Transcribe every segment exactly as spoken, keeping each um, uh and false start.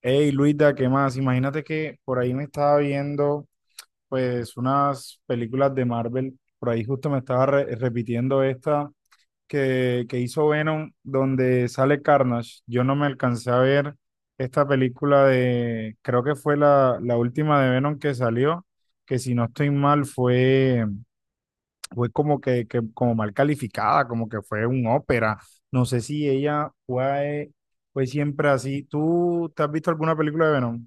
Hey Luisa, ¿qué más? Imagínate que por ahí me estaba viendo pues unas películas de Marvel, por ahí justo me estaba re- repitiendo esta que, que hizo Venom donde sale Carnage. Yo no me alcancé a ver esta película de, creo que fue la, la última de Venom que salió, que si no estoy mal fue, fue como que, que como mal calificada, como que fue un ópera. No sé si ella fue, fue siempre así. ¿Tú te has visto alguna película de Venom?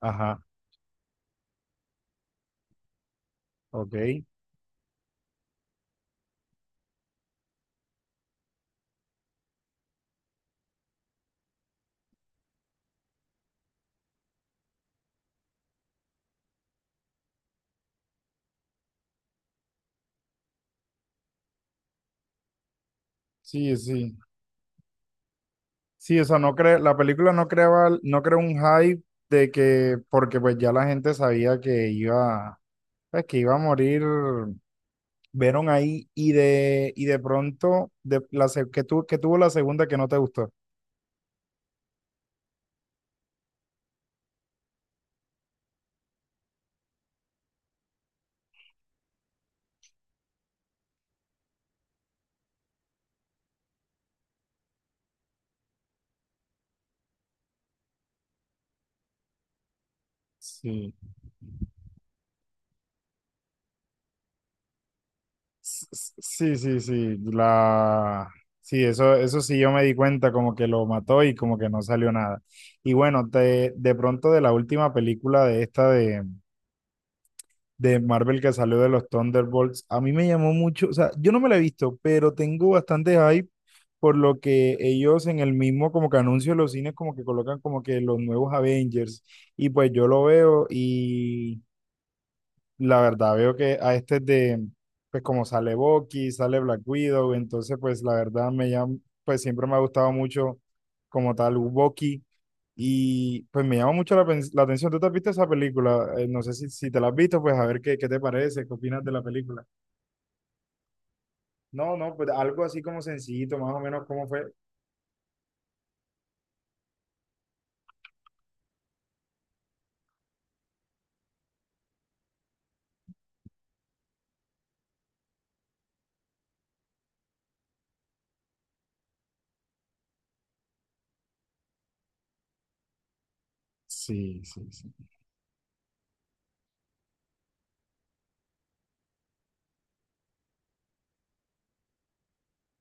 Ajá, ok. Sí, sí. Sí, o sea, no cre la película no creaba, no creó un hype de que, porque pues ya la gente sabía que iba, pues, que iba a morir Venom ahí y de, y de pronto de la se- que tu- que tuvo la segunda que no te gustó. Sí. S- s- Sí, sí, sí. La sí, eso, eso sí yo me di cuenta, como que lo mató y como que no salió nada. Y bueno, te, de pronto de la última película de esta de de Marvel que salió de los Thunderbolts. A mí me llamó mucho, o sea, yo no me la he visto, pero tengo bastante hype por lo que ellos en el mismo como que anuncio de los cines como que colocan como que los nuevos Avengers y pues yo lo veo y la verdad, veo que a este de, pues como sale Bucky, sale Black Widow, entonces pues la verdad me llama, pues siempre me ha gustado mucho como tal Bucky y pues me llama mucho la, pen- la atención. ¿Tú te has visto esa película? Eh, no sé si, si te la has visto, pues a ver qué, qué te parece, qué opinas de la película. No, no, pues algo así como sencillito, más o menos cómo fue. Sí, sí, sí.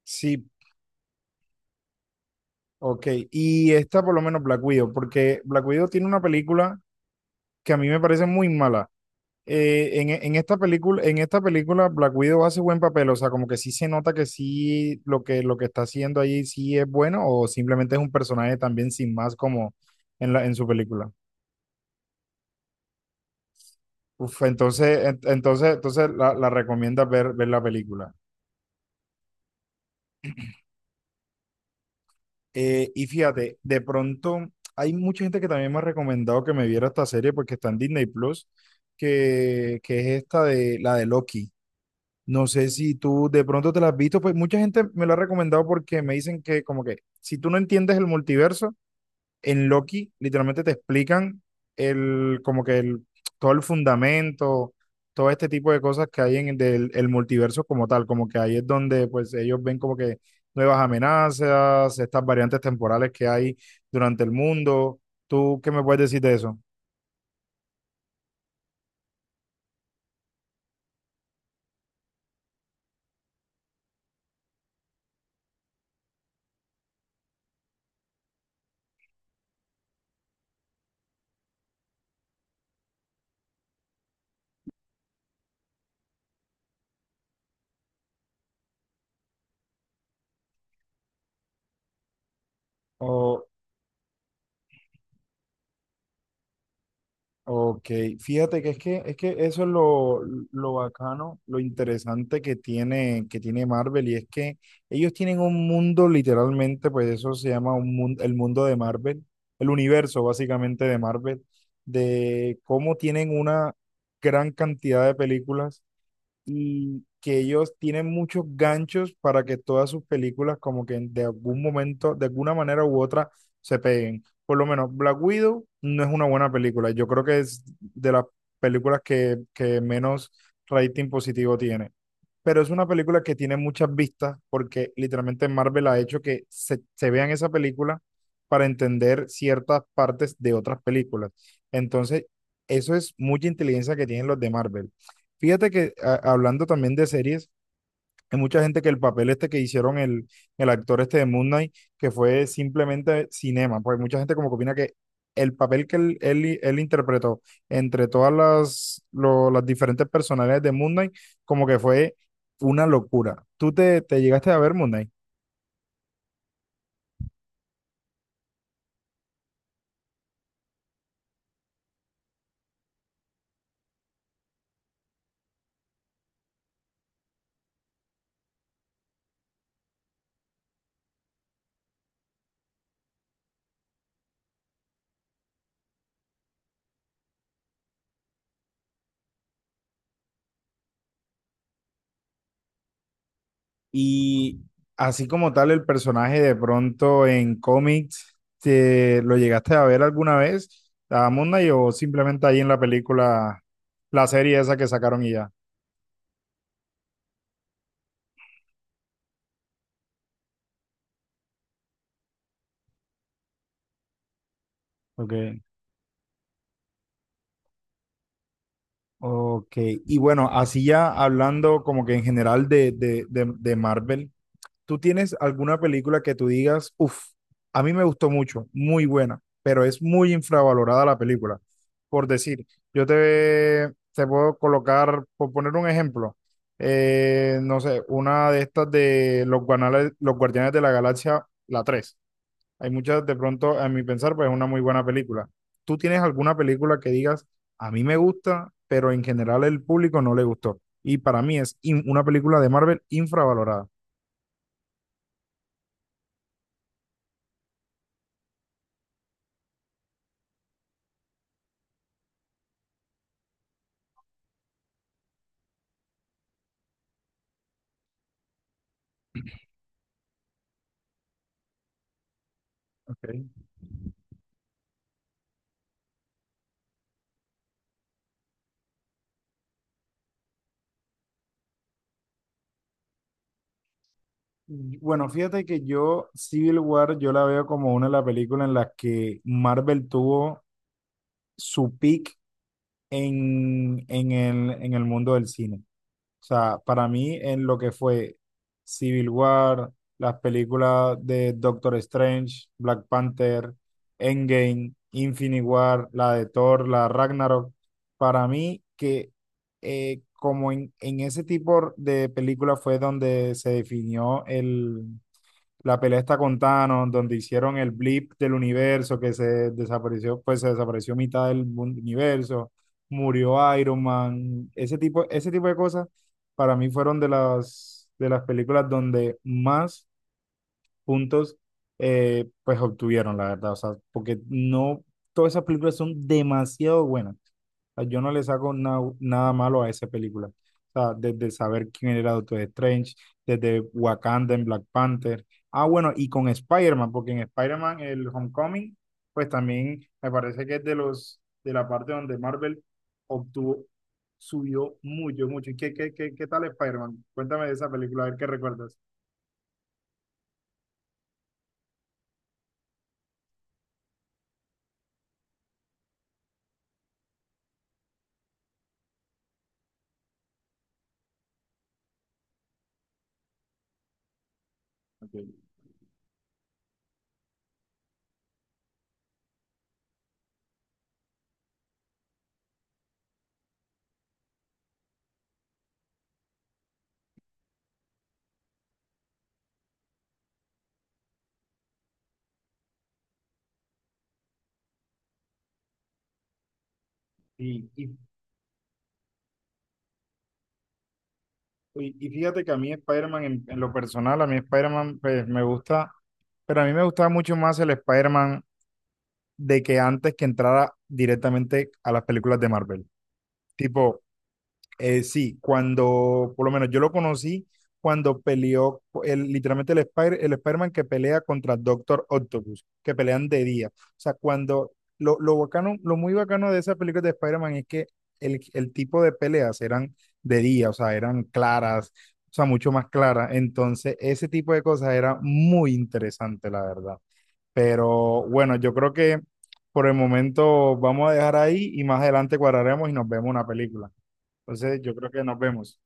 Sí, ok. Y esta por lo menos Black Widow, porque Black Widow tiene una película que a mí me parece muy mala. eh, en, en esta película, en esta película Black Widow hace buen papel, o sea, como que sí se nota que sí lo que, lo que está haciendo ahí sí es bueno, o simplemente es un personaje también sin más como en la, en su película. Uf, entonces, en- entonces, entonces la, la recomienda ver, ver la película. Eh, y fíjate, de pronto hay mucha gente que también me ha recomendado que me viera esta serie porque está en Disney Plus, que, que es esta de la de Loki. No sé si tú de pronto te la has visto, pues mucha gente me lo ha recomendado porque me dicen que como que si tú no entiendes el multiverso, en Loki literalmente te explican el como que el, todo el fundamento, todo este tipo de cosas que hay en el, del- el multiverso como tal, como que ahí es donde pues ellos ven como que nuevas amenazas, estas variantes temporales que hay durante el mundo. ¿Tú qué me puedes decir de eso? Ok, fíjate que es que, es que eso es lo, lo bacano, lo interesante que tiene, que tiene Marvel, y es que ellos tienen un mundo literalmente, pues eso se llama un mundo, el mundo de Marvel, el universo básicamente de Marvel, de cómo tienen una gran cantidad de películas y que ellos tienen muchos ganchos para que todas sus películas como que de algún momento, de alguna manera u otra, se peguen. Por lo menos Black Widow no es una buena película. Yo creo que es de las películas que, que menos rating positivo tiene. Pero es una película que tiene muchas vistas porque literalmente Marvel ha hecho que se, se vean esa película para entender ciertas partes de otras películas. Entonces, eso es mucha inteligencia que tienen los de Marvel. Fíjate que a- hablando también de series, hay mucha gente que el papel este que hicieron el, el actor este de Moon Knight, que fue simplemente cinema, pues mucha gente como que opina que el papel que él, él, él interpretó entre todas las, lo- las diferentes personalidades de Moon Knight, como que fue una locura. ¿Tú te, te llegaste a ver Moon Knight? Y así como tal, el personaje de pronto en cómics, ¿te lo llegaste a ver alguna vez a Moon Knight o simplemente ahí en la película, la serie esa que sacaron y ya? Ok, ok. Y bueno, así ya hablando como que en general de, de, de, de Marvel, ¿tú tienes alguna película que tú digas, uff, a mí me gustó mucho, muy buena, pero es muy infravalorada la película? Por decir, yo te, te puedo colocar, por poner un ejemplo, eh, no sé, una de estas de los, Guanales- los Guardianes de la Galaxia, la tres. Hay muchas, de pronto, a mi pensar, pues es una muy buena película. ¿Tú tienes alguna película que digas, a mí me gusta, pero en general el público no le gustó? Y para mí es in- una película de Marvel infravalorada. Ok. Bueno, fíjate que yo Civil War yo la veo como una de las películas en las que Marvel tuvo su peak en, en el, en el mundo del cine. O sea, para mí en lo que fue Civil War, las películas de Doctor Strange, Black Panther, Endgame, Infinity War, la de Thor, la Ragnarok, para mí que eh, como en, en ese tipo de película fue donde se definió el la pelea está con Thanos, donde hicieron el blip del universo que se desapareció, pues se desapareció mitad del mun- universo, murió Iron Man, ese tipo, ese tipo de cosas para mí fueron de las, de las películas donde más puntos eh, pues obtuvieron, la verdad. O sea, porque no, todas esas películas son demasiado buenas. O sea, yo no le saco na- nada malo a esa película. O sea, desde saber quién era Doctor Strange, desde Wakanda en Black Panther. Ah, bueno, y con Spider-Man, porque en Spider-Man, el Homecoming, pues también me parece que es de los, de la parte donde Marvel obtuvo, subió mucho, mucho. ¿Y qué, qué, qué, qué tal Spider-Man? Cuéntame de esa película, a ver qué recuerdas. Ok. Y, y Y, y fíjate que a mí Spider-Man, en, en lo personal, a mí Spider-Man pues, me gusta, pero a mí me gustaba mucho más el Spider-Man de que antes que entrara directamente a las películas de Marvel. Tipo, eh, sí, cuando, por lo menos yo lo conocí cuando peleó el, literalmente el, Spider, el Spider-Man que pelea contra Doctor Octopus, que pelean de día. O sea, cuando lo, lo bacano, lo muy bacano de esa película de Spider-Man es que el, el tipo de peleas eran de día, o sea, eran claras, o sea, mucho más claras. Entonces, ese tipo de cosas era muy interesante, la verdad. Pero bueno, yo creo que por el momento vamos a dejar ahí y más adelante cuadraremos y nos vemos una película. Entonces, yo creo que nos vemos.